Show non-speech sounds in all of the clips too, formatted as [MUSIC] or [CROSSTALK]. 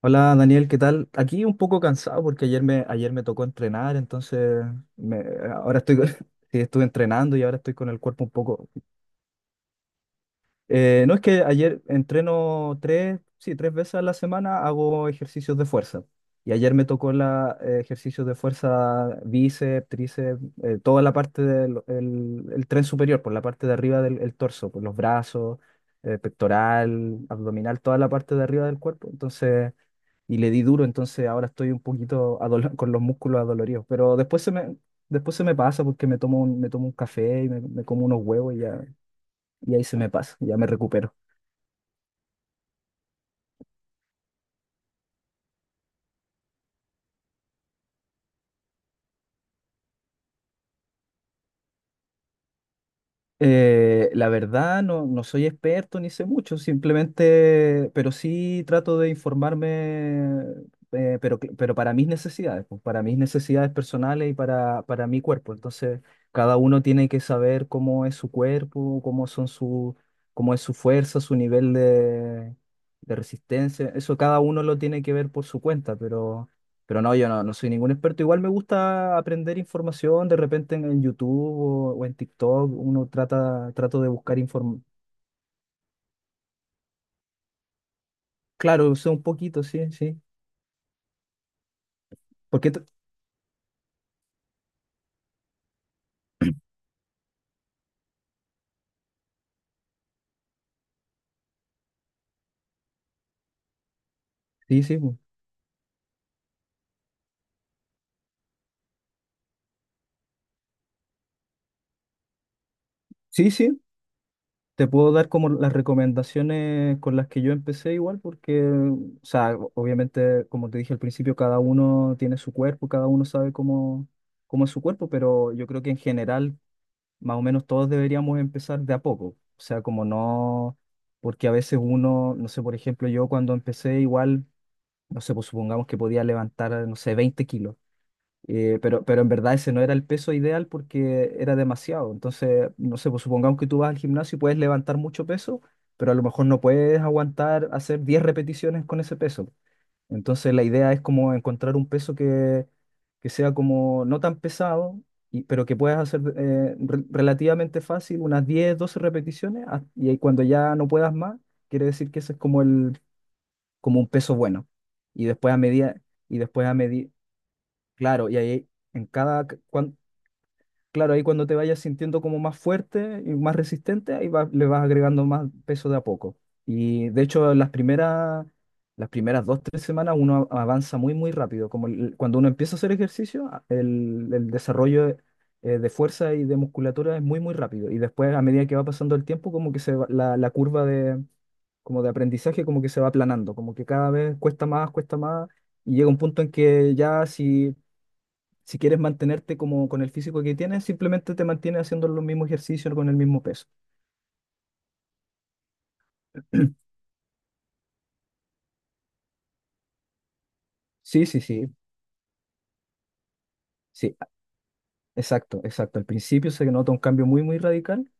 Hola Daniel, ¿qué tal? Aquí un poco cansado porque ayer me tocó entrenar, entonces me- ahora estoy, [LAUGHS] sí, estuve entrenando y ahora estoy con el cuerpo un poco. No es que ayer entreno 3, sí, 3 veces a la semana hago ejercicios de fuerza. Y ayer me tocó ejercicios de fuerza, bíceps, tríceps, toda la parte del el tren superior, por la parte de arriba del el torso, por los brazos, pectoral, abdominal, toda la parte de arriba del cuerpo. Entonces y le di duro, entonces ahora estoy un poquito con los músculos adoloridos, pero después se me pasa porque me tomo un café y me como unos huevos y ya, y ahí se me pasa, ya me recupero. La verdad, no, no soy experto ni sé mucho, simplemente, pero sí trato de informarme, pero para mis necesidades, pues, para mis necesidades personales y para mi cuerpo. Entonces, cada uno tiene que saber cómo es su cuerpo, cómo es su fuerza, su nivel de resistencia. Eso cada uno lo tiene que ver por su cuenta, pero no, yo no, no soy ningún experto. Igual me gusta aprender información, de repente en YouTube o en TikTok uno trato de buscar información. Claro, sé un poquito, sí, sí. Porque t- [CLEARS THROAT] sí, sí. Po. Sí, sí. Te puedo dar como las recomendaciones con las que yo empecé igual, porque, o sea, obviamente, como te dije al principio, cada uno tiene su cuerpo, cada uno sabe cómo es su cuerpo, pero yo creo que en general más o menos todos deberíamos empezar de a poco. O sea, como no, porque a veces uno, no sé, por ejemplo, yo cuando empecé igual, no sé, pues supongamos que podía levantar, no sé, 20 kilos. Pero en verdad ese no era el peso ideal porque era demasiado. Entonces, no sé, pues supongamos que tú vas al gimnasio y puedes levantar mucho peso, pero a lo mejor no puedes aguantar hacer 10 repeticiones con ese peso. Entonces la idea es como encontrar un peso que sea como no tan pesado, y, pero que puedas hacer relativamente fácil, unas 10 12 repeticiones, ah, y ahí cuando ya no puedas más, quiere decir que ese es como el, como un peso bueno. Y después a medida, y después a medida, claro, y ahí en cada, claro, ahí cuando te vayas sintiendo como más fuerte y más resistente, ahí le vas agregando más peso de a poco. Y de hecho, las primeras 2, 3 semanas uno avanza muy, muy rápido. Cuando uno empieza a hacer ejercicio, el desarrollo de fuerza y de musculatura es muy, muy rápido. Y después, a medida que va pasando el tiempo, como que la curva como de aprendizaje como que se va aplanando, como que cada vez cuesta más, y llega un punto en que ya si quieres mantenerte como con el físico que tienes, simplemente te mantienes haciendo los mismos ejercicios con el mismo peso. [CLEARS THROAT] Sí, sí, sí, sí, exacto, exacto. Al principio se nota un cambio muy, muy radical.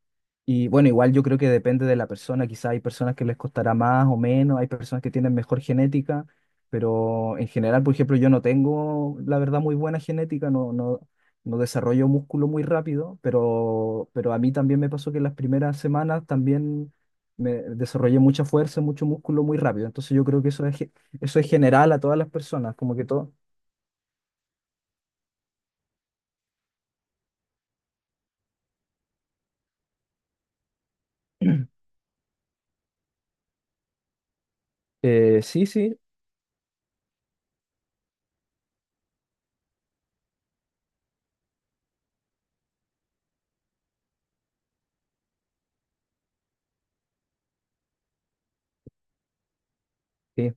Y bueno, igual yo creo que depende de la persona, quizá hay personas que les costará más o menos, hay personas que tienen mejor genética, pero en general, por ejemplo, yo no tengo, la verdad, muy buena genética, no, no, no desarrollo músculo muy rápido, pero a mí también me pasó que en las primeras semanas también me desarrollé mucha fuerza, mucho músculo muy rápido, entonces yo creo que eso es general a todas las personas, como que todo. Sí, sí, sí.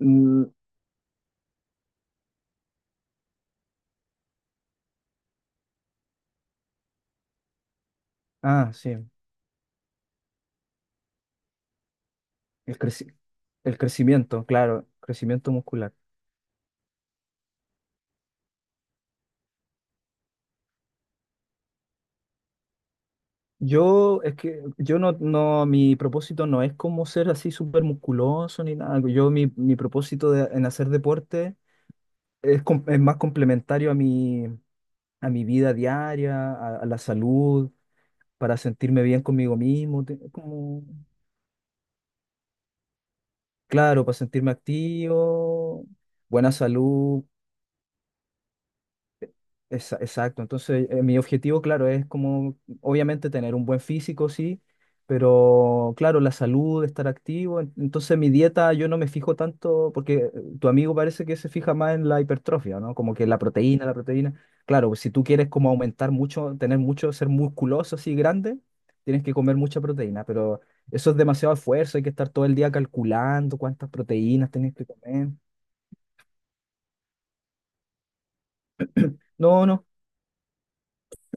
Mm, ah, sí, el creci- el crecimiento, claro, crecimiento muscular. Es que yo no, no, mi propósito no es como ser así súper musculoso ni nada. Mi propósito en hacer deporte es más complementario a mi vida diaria, a la salud, para sentirme bien conmigo mismo, como, claro, para sentirme activo, buena salud. Exacto, entonces mi objetivo, claro, es como obviamente tener un buen físico, sí, pero claro, la salud, estar activo, entonces mi dieta yo no me fijo tanto, porque tu amigo parece que se fija más en la hipertrofia, ¿no? Como que la proteína, claro, si tú quieres como aumentar mucho, tener mucho, ser musculoso así grande, tienes que comer mucha proteína, pero eso es demasiado esfuerzo, hay que estar todo el día calculando cuántas proteínas tienes que comer. No, no.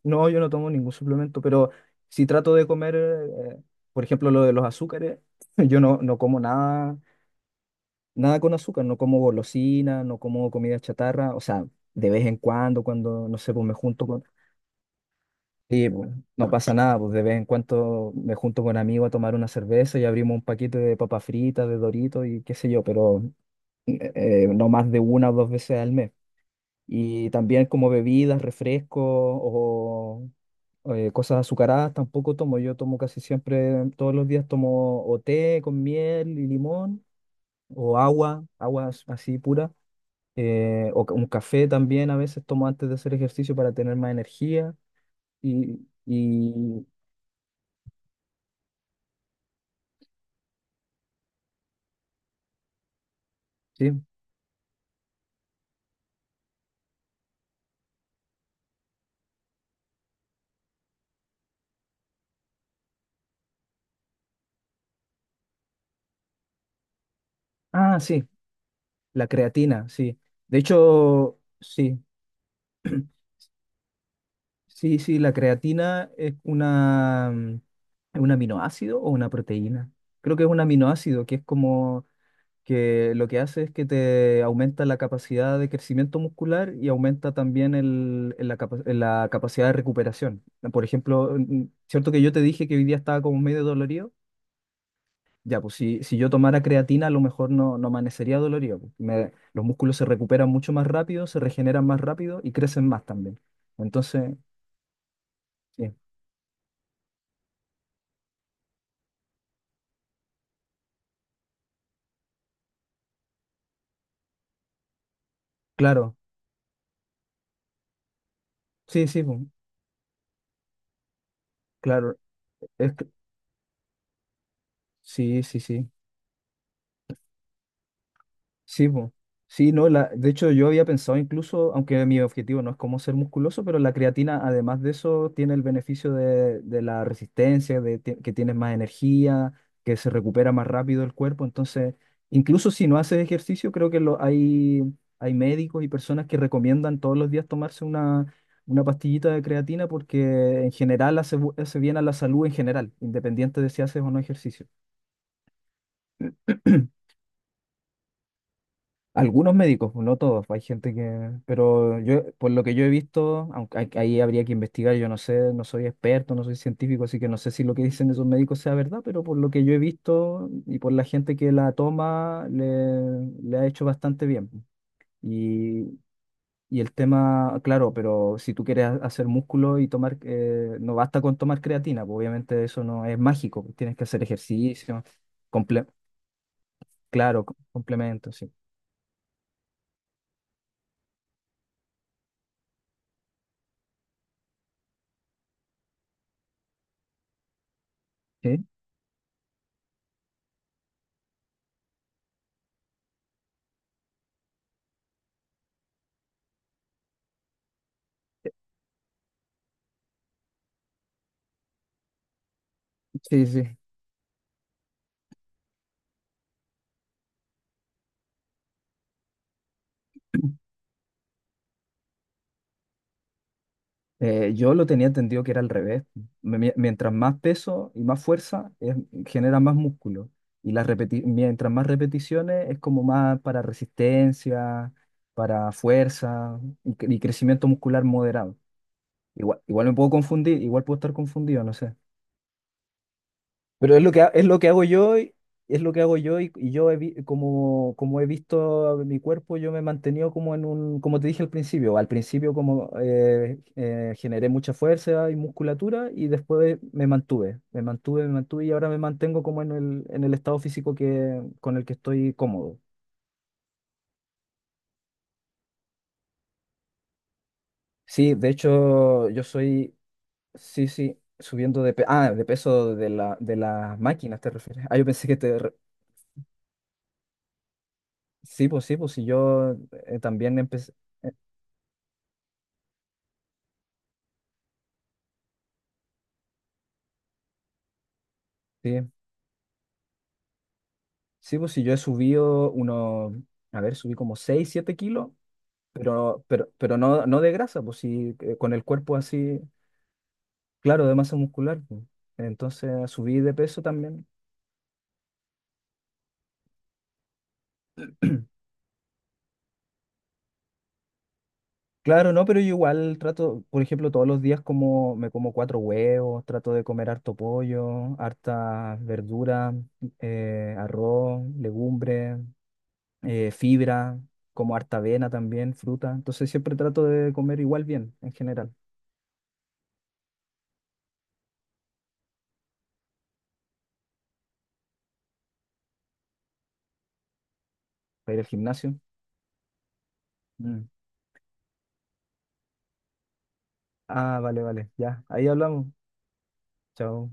No, yo no tomo ningún suplemento, pero si trato de comer, por ejemplo, lo de los azúcares, [LAUGHS] yo no, no como nada, nada con azúcar, no como golosina, no como comida chatarra, o sea, de vez en cuando, cuando, no sé, pues me junto con. Sí, pues, no pasa nada, pues de vez en cuando me junto con amigos a tomar una cerveza y abrimos un paquete de papas fritas, de Doritos y qué sé yo, pero no más de 1 o 2 veces al mes. Y también como bebidas, refrescos o cosas azucaradas tampoco tomo. Yo tomo casi siempre, todos los días tomo o té con miel y limón, o agua, agua así pura, o un café también a veces tomo antes de hacer ejercicio para tener más energía. Y, y sí. Ah, sí, la creatina, sí. De hecho, sí. Sí, sí, la creatina es es un aminoácido o una proteína. Creo que es un aminoácido, que es como que lo que hace es que te aumenta la capacidad de crecimiento muscular y aumenta también la capacidad de recuperación. Por ejemplo, cierto que yo te dije que hoy día estaba como medio dolorido. Ya, pues si yo tomara creatina, a lo mejor no, no amanecería dolorido. Pues, los músculos se recuperan mucho más rápido, se regeneran más rápido y crecen más también. Entonces, sí, claro. Sí, sí, po, claro. Es que- sí, sí, sí. Sí, po. Sí, no, de hecho yo había pensado incluso, aunque mi objetivo no es como ser musculoso, pero la creatina, además de eso, tiene el beneficio de la resistencia, que tienes más energía, que se recupera más rápido el cuerpo. Entonces, incluso si no haces ejercicio, creo que hay médicos y personas que recomiendan todos los días tomarse una pastillita de creatina porque en general hace, hace bien a la salud en general, independiente de si haces o no ejercicio. [CLEARS THROAT] Algunos médicos, no todos, hay gente que... Pero yo, por lo que yo he visto, aunque ahí habría que investigar, yo no sé, no soy experto, no soy científico, así que no sé si lo que dicen esos médicos sea verdad, pero por lo que yo he visto y por la gente que la toma, le ha hecho bastante bien. Y, y el tema, claro, pero si tú quieres hacer músculo y tomar, no basta con tomar creatina, pues obviamente eso no es mágico, pues tienes que hacer ejercicio, comple- claro, complementos, sí. ¿Sí? Sí, sí. Yo lo tenía entendido que era al revés. Mientras más peso y más fuerza, genera más músculo. Y las mientras más repeticiones, es como más para resistencia, para fuerza y crecimiento muscular moderado. Igual, igual me puedo confundir, igual puedo estar confundido, no sé. Pero es lo que hago yo y yo como he visto mi cuerpo, yo me he mantenido como como te dije al principio como generé mucha fuerza y musculatura y después me mantuve, me mantuve, me mantuve y ahora me mantengo como en el estado físico que, con el que estoy cómodo. Sí, de hecho yo soy, sí, sí, subiendo de peso de la, de las máquinas, ¿te refieres? Ah, yo pensé que te. Sí, pues sí, pues sí, yo también empecé. Sí, sí, pues si yo a ver, subí como 6 7 kilos, pero no, no de grasa, pues sí, con el cuerpo así, claro, de masa muscular. Pues. Entonces subí de peso también. Claro, no, pero yo igual trato, por ejemplo, todos los días me como cuatro huevos, trato de comer harto pollo, harta verdura, arroz, legumbres, fibra, como harta avena también, fruta. Entonces siempre trato de comer igual bien en general, para ir al gimnasio. Mm. Ah, vale, vale, ya. Ahí hablamos. Chao.